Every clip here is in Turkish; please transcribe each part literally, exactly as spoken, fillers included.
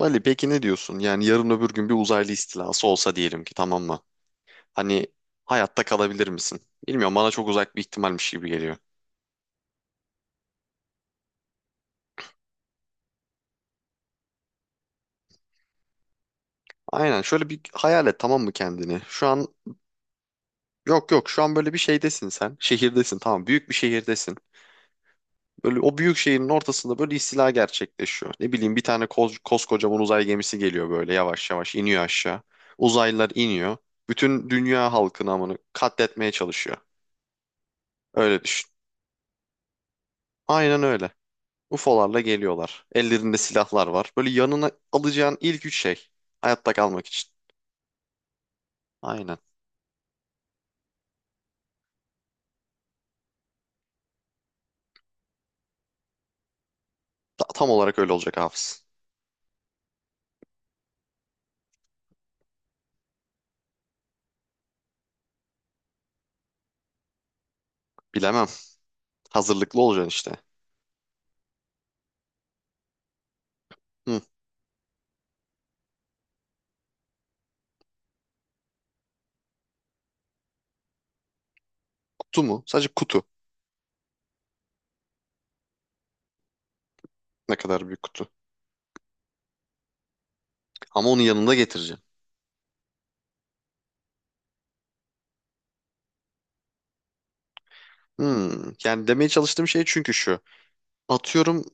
Ali peki ne diyorsun? Yani yarın öbür gün bir uzaylı istilası olsa diyelim ki tamam mı? Hani hayatta kalabilir misin? Bilmiyorum, bana çok uzak bir ihtimalmiş gibi geliyor. Aynen, şöyle bir hayal et tamam mı kendini? Şu an yok yok Şu an böyle bir şeydesin sen. Şehirdesin, tamam, büyük bir şehirdesin. Böyle o büyük şehrin ortasında böyle istila gerçekleşiyor. Ne bileyim, bir tane koz, koskocaman uzay gemisi geliyor, böyle yavaş yavaş iniyor aşağı. Uzaylılar iniyor. Bütün dünya halkını amını katletmeye çalışıyor. Öyle düşün. Aynen öyle. u f o'larla geliyorlar. Ellerinde silahlar var. Böyle yanına alacağın ilk üç şey. Hayatta kalmak için. Aynen. Ta- tam olarak öyle olacak Hafız. Bilemem. Hazırlıklı olacaksın işte. Hı, kutu mu? Sadece kutu. Ne kadar büyük kutu. Ama onu yanında getireceksin. Hmm, yani demeye çalıştığım şey çünkü şu. Atıyorum,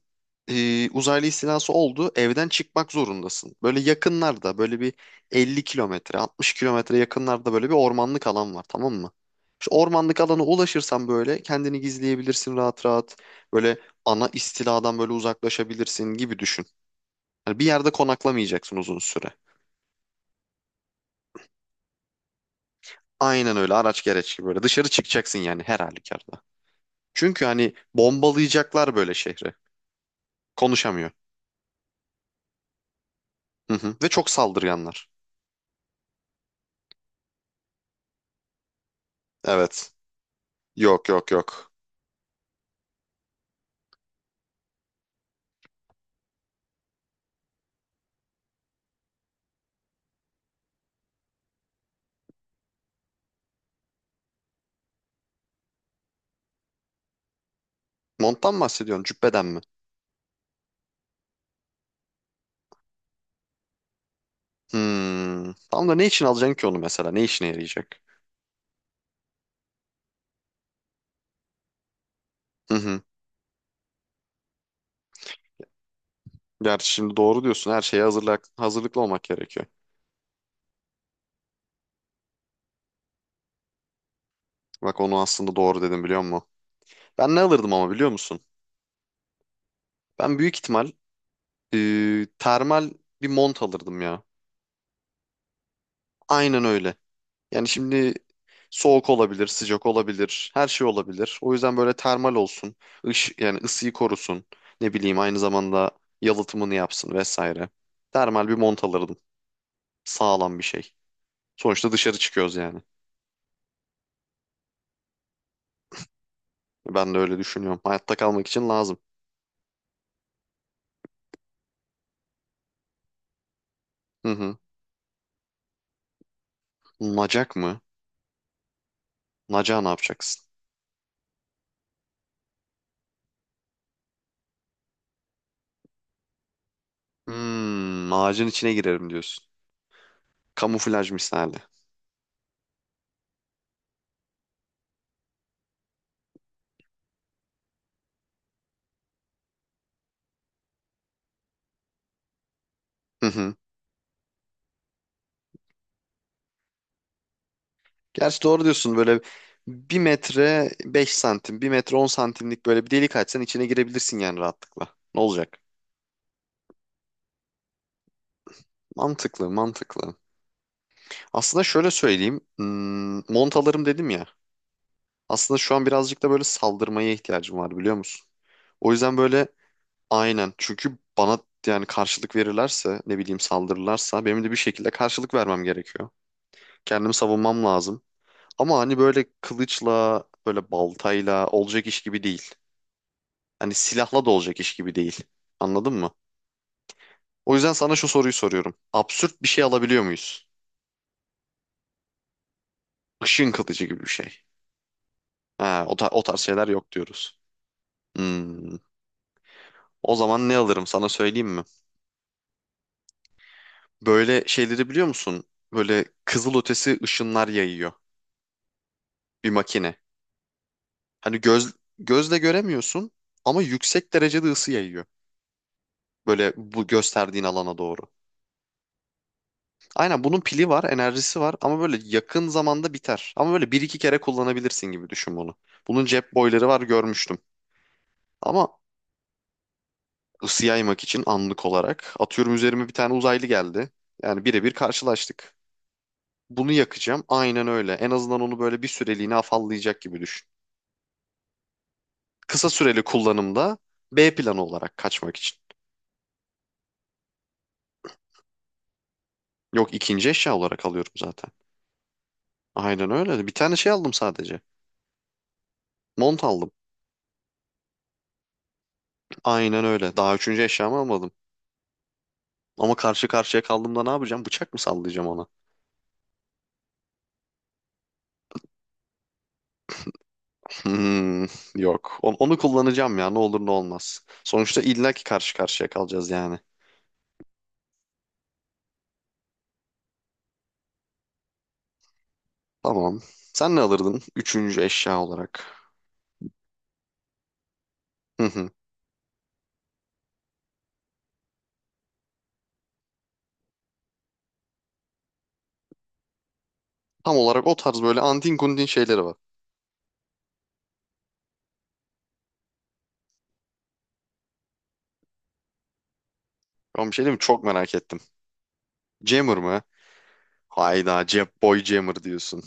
e, uzaylı istilası oldu. Evden çıkmak zorundasın. Böyle yakınlarda böyle bir elli kilometre altmış kilometre yakınlarda böyle bir ormanlık alan var tamam mı? İşte ormanlık alana ulaşırsan böyle kendini gizleyebilirsin rahat rahat. Böyle ana istiladan böyle uzaklaşabilirsin gibi düşün. Yani bir yerde konaklamayacaksın uzun süre. Aynen öyle, araç gereç gibi böyle dışarı çıkacaksın yani her halükarda. Çünkü hani bombalayacaklar böyle şehri. Konuşamıyor. Hı hı. Ve çok saldırganlar. Evet. Yok yok yok. Monttan mı bahsediyorsun? Cübbeden mi? Hmm. Tamam da ne için alacaksın ki onu mesela? Ne işine yarayacak? Hı hı. Gerçi şimdi doğru diyorsun. Her şeye hazırlık, hazırlıklı olmak gerekiyor. Bak onu aslında doğru dedim biliyor musun? Ben ne alırdım ama biliyor musun? Ben büyük ihtimal e, termal bir mont alırdım ya. Aynen öyle. Yani şimdi soğuk olabilir, sıcak olabilir, her şey olabilir. O yüzden böyle termal olsun, ış yani ısıyı korusun, ne bileyim aynı zamanda yalıtımını yapsın vesaire. Termal bir mont alırdım, sağlam bir şey. Sonuçta dışarı çıkıyoruz yani. Ben de öyle düşünüyorum. Hayatta kalmak için lazım. Hı hı. Nacak mı? Nacağı ne yapacaksın? Hmm, ağacın içine girerim diyorsun. Kamuflaj misali. Hı hı. Gerçi doğru diyorsun, böyle bir metre beş santim, bir metre on santimlik böyle bir delik açsan içine girebilirsin yani rahatlıkla. Ne olacak? Mantıklı, mantıklı. Aslında şöyle söyleyeyim. Hmm, mont dedim ya. Aslında şu an birazcık da böyle saldırmaya ihtiyacım var biliyor musun? O yüzden böyle, aynen. Çünkü bana yani karşılık verirlerse, ne bileyim saldırırlarsa, benim de bir şekilde karşılık vermem gerekiyor. Kendimi savunmam lazım. Ama hani böyle kılıçla böyle baltayla olacak iş gibi değil. Hani silahla da olacak iş gibi değil. Anladın mı? O yüzden sana şu soruyu soruyorum. Absürt bir şey alabiliyor muyuz? Işın kılıcı gibi bir şey. Ha, o, ta- o tarz şeyler yok diyoruz. Hmm. O zaman ne alırım sana söyleyeyim mi? Böyle şeyleri biliyor musun? Böyle kızılötesi ışınlar yayıyor bir makine. Hani göz gözle göremiyorsun ama yüksek derecede ısı yayıyor. Böyle bu gösterdiğin alana doğru. Aynen, bunun pili var, enerjisi var ama böyle yakın zamanda biter. Ama böyle bir iki kere kullanabilirsin gibi düşün bunu. Bunun cep boyları var, görmüştüm. Ama ısı yaymak için anlık olarak, atıyorum, üzerime bir tane uzaylı geldi. Yani birebir karşılaştık. Bunu yakacağım. Aynen öyle. En azından onu böyle bir süreliğine afallayacak gibi düşün. Kısa süreli kullanımda, B planı olarak kaçmak için. Yok, ikinci eşya olarak alıyorum zaten. Aynen öyle. Bir tane şey aldım sadece. Mont aldım. Aynen öyle. Daha üçüncü eşyamı almadım. Ama karşı karşıya kaldığımda ne yapacağım? Bıçak mı sallayacağım ona? Hmm, yok. On- Onu, kullanacağım ya. Ne olur ne olmaz. Sonuçta illaki karşı karşıya kalacağız yani. Tamam. Sen ne alırdın? Üçüncü eşya olarak. Hı hı. Tam olarak o tarz böyle antin kuntin şeyleri var. Ben bir şey diyeyim mi? Çok merak ettim. Jammer mı? Hayda, Jap Boy Jammer diyorsun.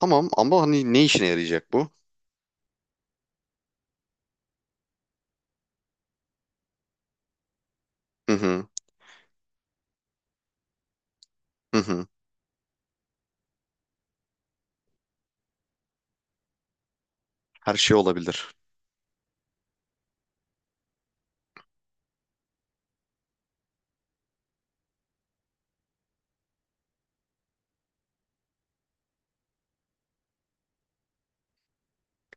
Tamam ama hani ne işine yarayacak bu? Hı hı. Hı hı. Her şey olabilir.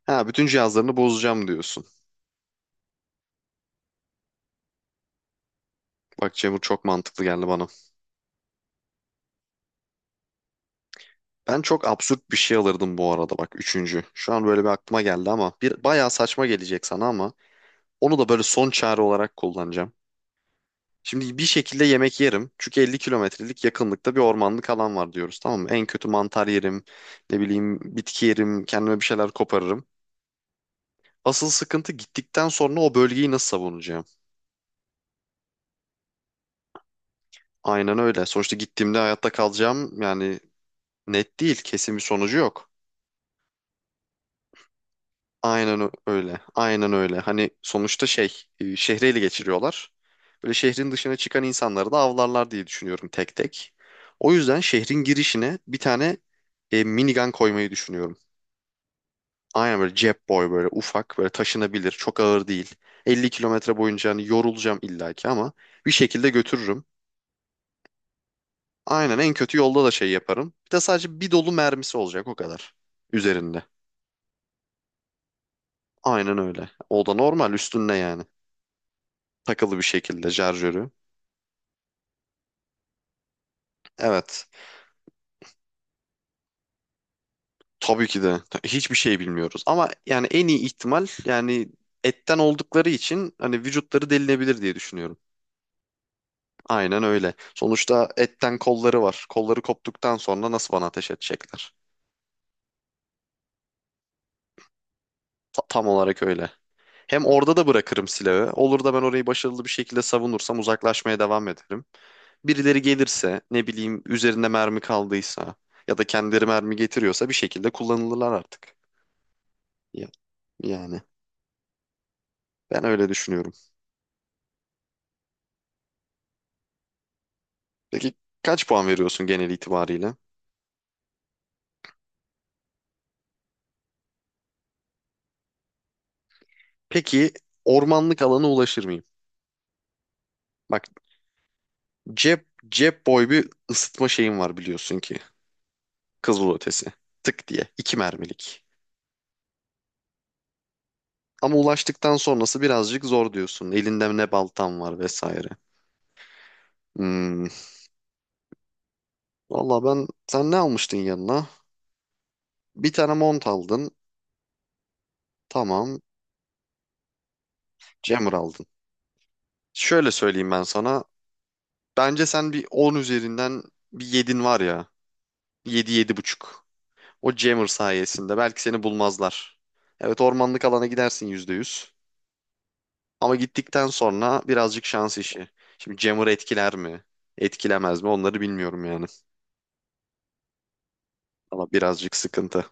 Ha, bütün cihazlarını bozacağım diyorsun. Bak, Jammer çok mantıklı geldi bana. Ben çok absürt bir şey alırdım bu arada bak, üçüncü. Şu an böyle bir aklıma geldi ama bir bayağı saçma gelecek sana, ama onu da böyle son çare olarak kullanacağım. Şimdi bir şekilde yemek yerim. Çünkü 50 kilometrelik yakınlıkta bir ormanlık alan var diyoruz tamam mı? En kötü mantar yerim, ne bileyim bitki yerim, kendime bir şeyler koparırım. Asıl sıkıntı, gittikten sonra o bölgeyi nasıl savunacağım? Aynen öyle. Sonuçta gittiğimde hayatta kalacağım yani net değil, kesin bir sonucu yok. Aynen ö- öyle. Aynen öyle. Hani sonuçta şey, e, şehri ele geçiriyorlar. Böyle şehrin dışına çıkan insanları da avlarlar diye düşünüyorum, tek tek. O yüzden şehrin girişine bir tane e, minigun koymayı düşünüyorum. Aynen böyle cep boy, böyle ufak, böyle taşınabilir, çok ağır değil. 50 kilometre boyunca hani yorulacağım illaki ama bir şekilde götürürüm. Aynen, en kötü yolda da şey yaparım. Bir de sadece bir dolu mermisi olacak o kadar üzerinde. Aynen öyle. O da normal üstünde yani. Takılı bir şekilde şarjörü. Evet. Tabii ki de. Hiçbir şey bilmiyoruz. Ama yani en iyi ihtimal yani etten oldukları için hani vücutları delinebilir diye düşünüyorum. Aynen öyle. Sonuçta etten kolları var. Kolları koptuktan sonra nasıl bana ateş edecekler? Ta- tam olarak öyle. Hem orada da bırakırım silahı. Olur da ben orayı başarılı bir şekilde savunursam, uzaklaşmaya devam ederim. Birileri gelirse, ne bileyim üzerinde mermi kaldıysa ya da kendileri mermi getiriyorsa, bir şekilde kullanılırlar artık. Ya- Yani ben öyle düşünüyorum. Peki kaç puan veriyorsun genel itibariyle? Peki ormanlık alana ulaşır mıyım? Bak, cep cep boy bir ısıtma şeyim var biliyorsun ki. Kızılötesi. Tık diye. iki mermilik. Ama ulaştıktan sonrası birazcık zor diyorsun. Elinde ne baltan var vesaire. Hmm. Valla ben, sen ne almıştın yanına? Bir tane mont aldın. Tamam. Jammer aldın. Şöyle söyleyeyim ben sana. Bence sen bir on üzerinden bir yedin var ya. Yedi, yedi buçuk. O jammer sayesinde belki seni bulmazlar. Evet, ormanlık alana gidersin yüzde yüz. Ama gittikten sonra birazcık şans işi. Şimdi jammer etkiler mi? Etkilemez mi? Onları bilmiyorum yani. Ama birazcık sıkıntı.